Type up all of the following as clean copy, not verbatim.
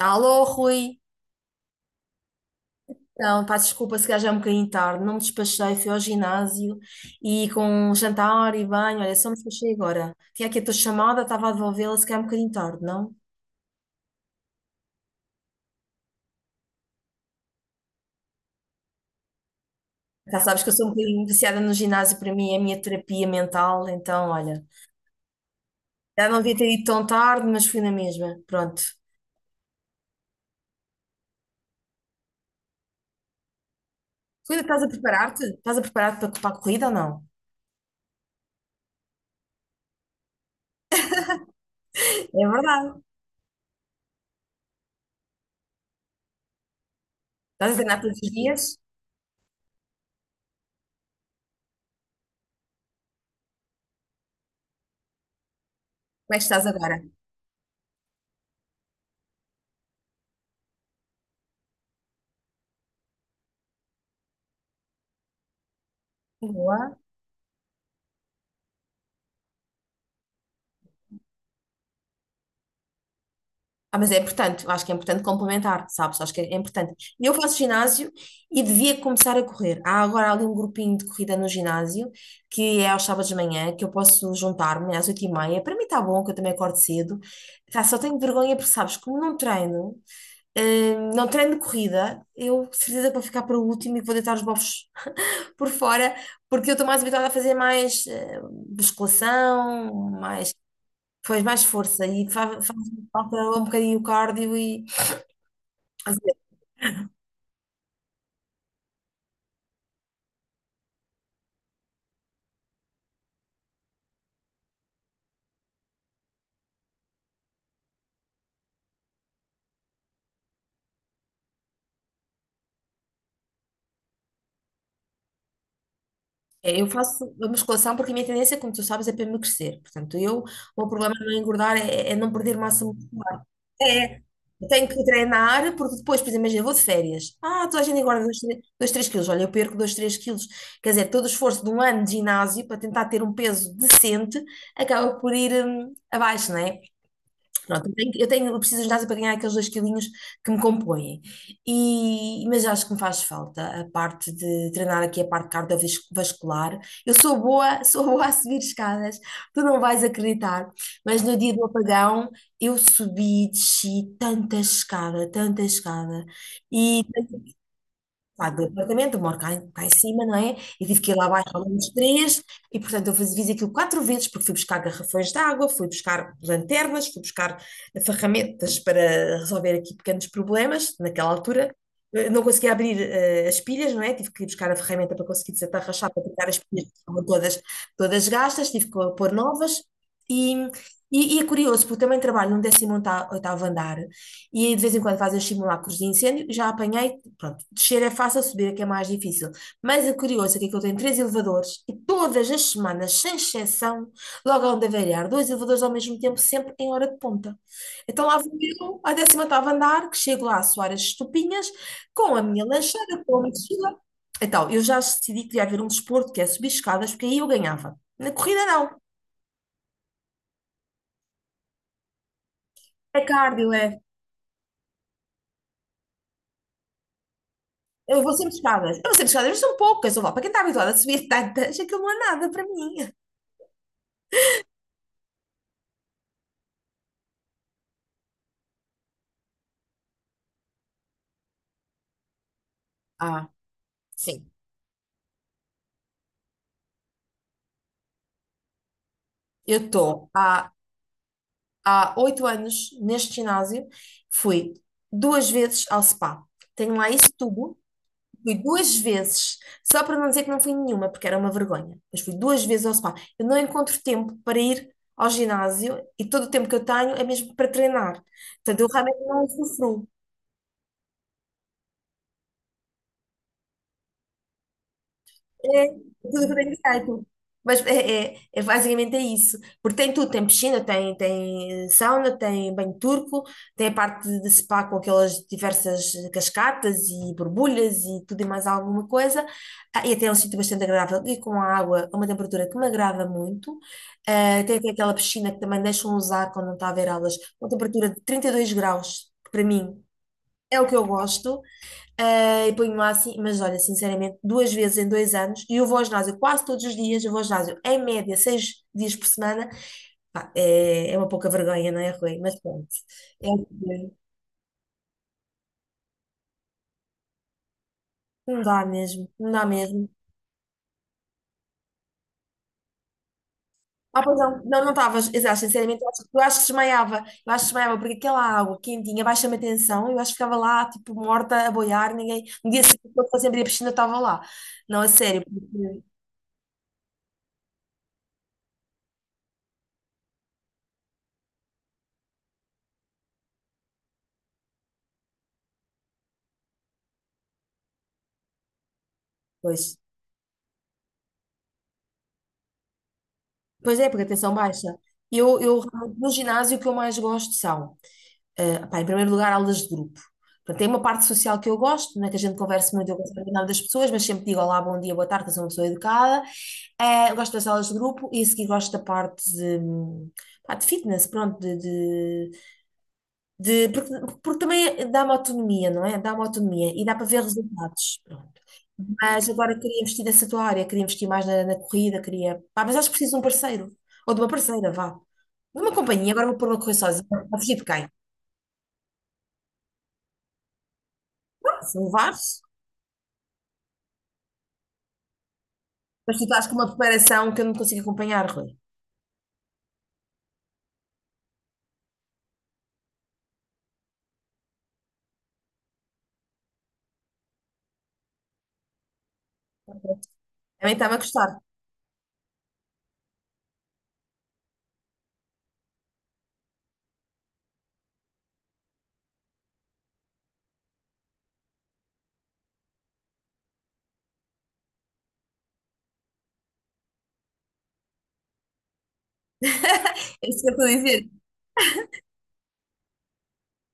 Alô, Rui. Então, pá, desculpa se calhar já é um bocadinho tarde. Não me despachei, fui ao ginásio e com um jantar e banho. Olha, só me despachei agora. Tinha aqui a tua chamada, estava a devolvê-la, se calhar é um bocadinho tarde, não? Já sabes que eu sou um bocadinho viciada no ginásio, para mim é a minha terapia mental. Então, olha, já não devia ter ido tão tarde, mas fui na mesma. Pronto. Rui, estás a preparar-te? Estás a preparar-te para a corrida ou não? É verdade. Estás a treinar todos os dias? Como é que estás agora? Boa. Ah, mas é importante, eu acho que é importante complementar, sabes? Acho que é importante. Eu faço ginásio e devia começar a correr. Há agora ali um grupinho de corrida no ginásio, que é aos sábados de manhã, que eu posso juntar-me às 8:30. Para mim está bom, que eu também acordo cedo. Tá, só tenho vergonha porque, sabes, como não treino, não treino corrida, eu de certeza que vou ficar para o último e que vou deitar os bofos por fora, porque eu estou mais habituada a fazer mais musculação, mais faz mais força e faz falta um bocadinho o cardio. E às vezes é, eu faço a musculação porque a minha tendência, como tu sabes, é para emagrecer. Portanto, eu, o meu problema não é engordar, é não perder massa muscular. É, eu tenho que treinar porque depois, por exemplo, imagina, eu vou de férias. Ah, toda a gente engorda 2 3 quilos. Olha, eu perco 2 3 quilos. Quer dizer, todo o esforço de um ano de ginásio para tentar ter um peso decente acaba por ir abaixo, não é? Pronto, eu preciso de ginásio para ganhar aqueles dois quilinhos que me compõem. Mas acho que me faz falta a parte de treinar aqui a parte cardiovascular. Eu sou boa, sou boa a subir escadas, tu não vais acreditar. Mas no dia do apagão eu subi, desci tanta escada, tanta escada. E Pá, do apartamento, eu moro cá em cima, não é? E tive que ir lá abaixo ao menos três, e portanto eu fiz, fiz aquilo quatro vezes, porque fui buscar garrafões de água, fui buscar lanternas, fui buscar ferramentas para resolver aqui pequenos problemas. Naquela altura, não conseguia abrir as pilhas, não é? Tive que ir buscar a ferramenta para conseguir desatarrachar, para tirar as pilhas que estavam todas gastas, tive que pôr novas. E, e é curioso, porque eu também trabalho num 18º andar, e aí de vez em quando fazem os simulacros de incêndio, já apanhei, pronto, descer é fácil, subir é que é mais difícil. Mas o curioso é que eu tenho três elevadores e todas as semanas, sem exceção, logo onde avariar, dois elevadores ao mesmo tempo, sempre em hora de ponta. Então lá vou eu, ao 18º andar, que chego lá a suar as estupinhas, com a minha lancheira, com a minha mochila. Então, eu já decidi que devia haver um desporto que é subir escadas, porque aí eu ganhava. Na corrida não, é cardio, é. Eu vou sempre escadas. Eu vou sempre escadas, mas são poucas. Eu vou. Para quem está habituado a subir tantas, aquilo não é nada para mim. Ah, sim. Eu estou há 8 anos neste ginásio. Fui duas vezes ao spa. Tenho lá esse tubo. Fui duas vezes, só para não dizer que não fui nenhuma, porque era uma vergonha. Mas fui duas vezes ao spa. Eu não encontro tempo para ir ao ginásio e todo o tempo que eu tenho é mesmo para treinar. Portanto, eu realmente não usufruo. É, tudo que tem no site. Mas basicamente é isso. Porque tem tudo, tem piscina, tem sauna, tem banho turco, tem a parte de spa com aquelas diversas cascatas e borbulhas e tudo e mais alguma coisa. Ah, e até é um sítio bastante agradável e com a água a uma temperatura que me agrada muito. Ah, tem até aquela piscina que também deixam usar quando não está a haver aulas, uma temperatura de 32 graus, que para mim é o que eu gosto. Ah, e ponho lá assim, mas olha, sinceramente, duas vezes em 2 anos, e eu vou ao ginásio quase todos os dias, eu vou ao ginásio em média 6 dias por semana. Pá, é, é uma pouca vergonha, não é, Rui? Mas pronto, é o que é. Não dá mesmo, não dá mesmo. Ah, pois não, não, não estavas, exato, sinceramente, eu acho que desmaiava, eu acho que desmaiava, porque aquela água quentinha baixa-me a tensão, eu acho que ficava lá, tipo, morta, a boiar, ninguém, no dia seguinte, eu sempre ir à piscina, eu estava lá, não, a sério, porque, pois, Pois é, porque a tensão baixa. Eu realmente, no ginásio o que eu mais gosto são, pá, em primeiro lugar, aulas de grupo. Portanto, tem uma parte social que eu gosto, não é que a gente converse muito, eu gosto de nada das pessoas, mas sempre digo olá, bom dia, boa tarde, eu sou uma pessoa educada. Gosto das aulas de grupo e a seguir gosto da parte de, pá, de fitness, pronto, de, porque, também é, dá-me autonomia, não é? Dá-me autonomia e dá para ver resultados. Pronto. Mas agora queria investir nessa tua área, queria investir mais na corrida, queria. Pá, mas acho que preciso de um parceiro, ou de uma parceira, vá. De uma companhia, agora vou pôr uma correr sozinha, a fugir de quem? Se me levares, mas tu estás com uma preparação que eu não consigo acompanhar, Rui. Também está-me a custar. É isso que eu estou a dizer.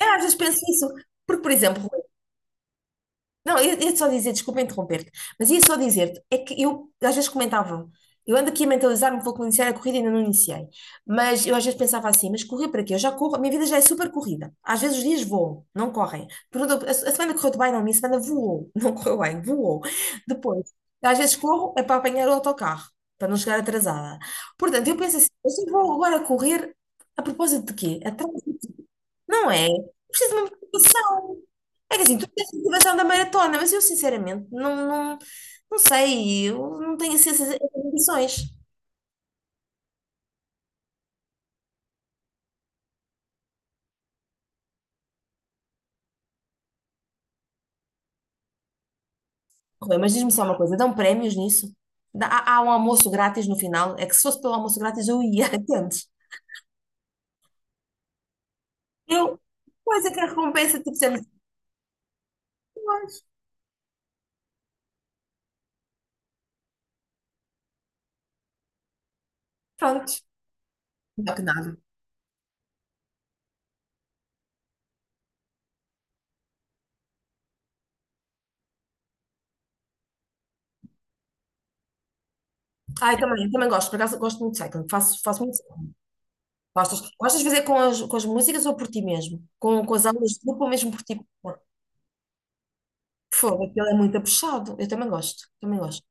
Eu às vezes penso isso, porque, por exemplo. Não, eu ia só dizer, desculpa interromper-te, mas ia só dizer-te, é que eu às vezes comentava, eu ando aqui a mentalizar-me, vou iniciar a corrida e ainda não iniciei, mas eu às vezes pensava assim, mas correr para quê? Eu já corro, a minha vida já é super corrida, às vezes os dias voam, não correm. A semana correu-te bem, não, a minha semana voou, não correu bem, voou, depois, às vezes corro é para apanhar o autocarro, para não chegar atrasada, portanto, eu penso assim, eu só vou agora correr a propósito de quê? Atrás, não é? Preciso de uma motivação. É que assim, tu tens a motivação da maratona, mas eu sinceramente não, não, não sei, eu não tenho assim, essas ambições. Rui, mas diz-me só uma coisa, dão prémios nisso? Há um almoço grátis no final? É que se fosse pelo almoço grátis eu ia, entendes? Eu, Pois é que a recompensa, tipo, sempre, pois, pronto. Melhor que nada. Ah, eu também gosto, por acaso gosto muito de cycling, faço muito cycling. Gostas de fazer com as músicas ou por ti mesmo? Com as aulas de grupo ou mesmo por ti? Fogo, aquilo é muito puxado, eu também gosto, também gosto.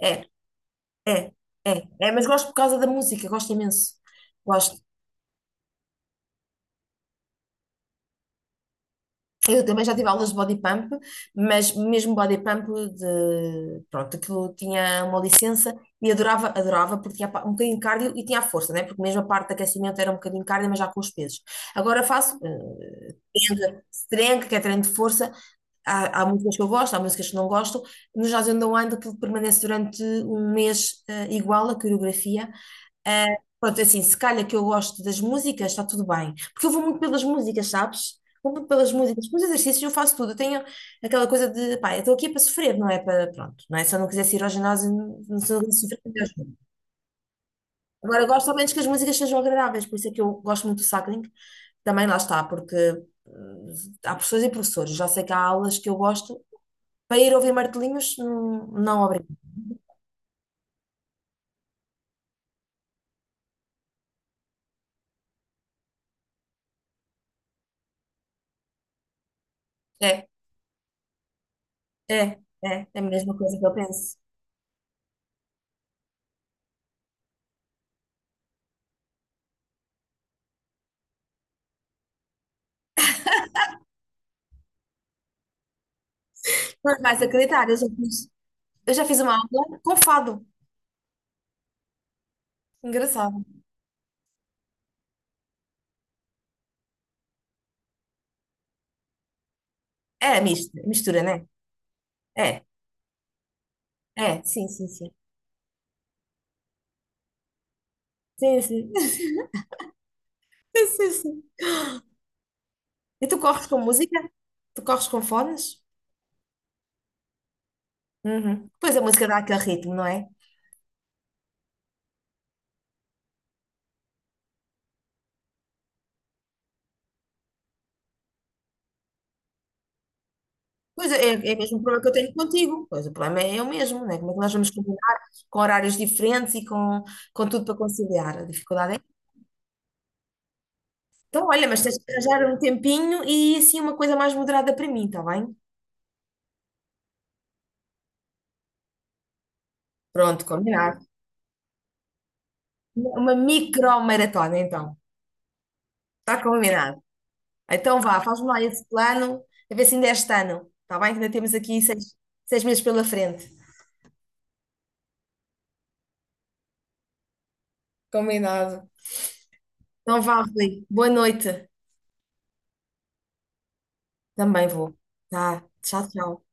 É, É, é, é, mas gosto por causa da música, gosto imenso. Gosto. Eu também já tive aulas de body pump, mas mesmo body pump de, pronto, que eu tinha uma licença e adorava, adorava porque tinha um bocadinho de cardio e tinha a força, né? Porque mesmo a parte de aquecimento era um bocadinho de cardio, mas já com os pesos. Agora faço strength, que é treino de força. Há músicas que eu gosto, há músicas que não gosto. No Jazz and the Wind, aquilo permanece durante um mês igual, a coreografia. Eh, Pronto, é assim, se calhar que eu gosto das músicas, está tudo bem. Porque eu vou muito pelas músicas, sabes? Como pelas músicas, pelos exercícios eu faço tudo. Eu tenho aquela coisa de, pá, eu estou aqui para sofrer, não é para, pronto, não é? Se eu não quisesse ir ao ginásio, não, se eu não quisesse sofrer, eu não. Agora, eu gosto ao menos que as músicas sejam agradáveis, por isso é que eu gosto muito do cycling. Também lá está, porque hum, há professores e professores, já sei que há aulas que eu gosto, para ir ouvir martelinhos, não, não obrigo. É, é, é a mesma coisa que eu penso. Não vais acreditar, eu já fiz uma aula com fado. Engraçado. É, misto, mistura, né? É, é, sim, sim, sim. Sim, sim. Sim, sim. E tu corres com música? Tu corres com fones? Uhum. Pois a música dá aquele ritmo, não é? Pois é o mesmo problema que eu tenho contigo. Pois o problema é o mesmo, não é? Como é que nós vamos combinar com horários diferentes e com tudo para conciliar? A dificuldade é. Então, olha, mas tens que arranjar um tempinho e assim uma coisa mais moderada para mim, está bem? Pronto, combinado. Uma micro-maratona, então. Está combinado. Então vá, faz-me lá esse plano, a ver se ainda é este ano, está bem? Que ainda temos aqui seis meses pela frente. Combinado. Não vá, Rui. Boa noite. Também vou. Tá. Tchau, tchau.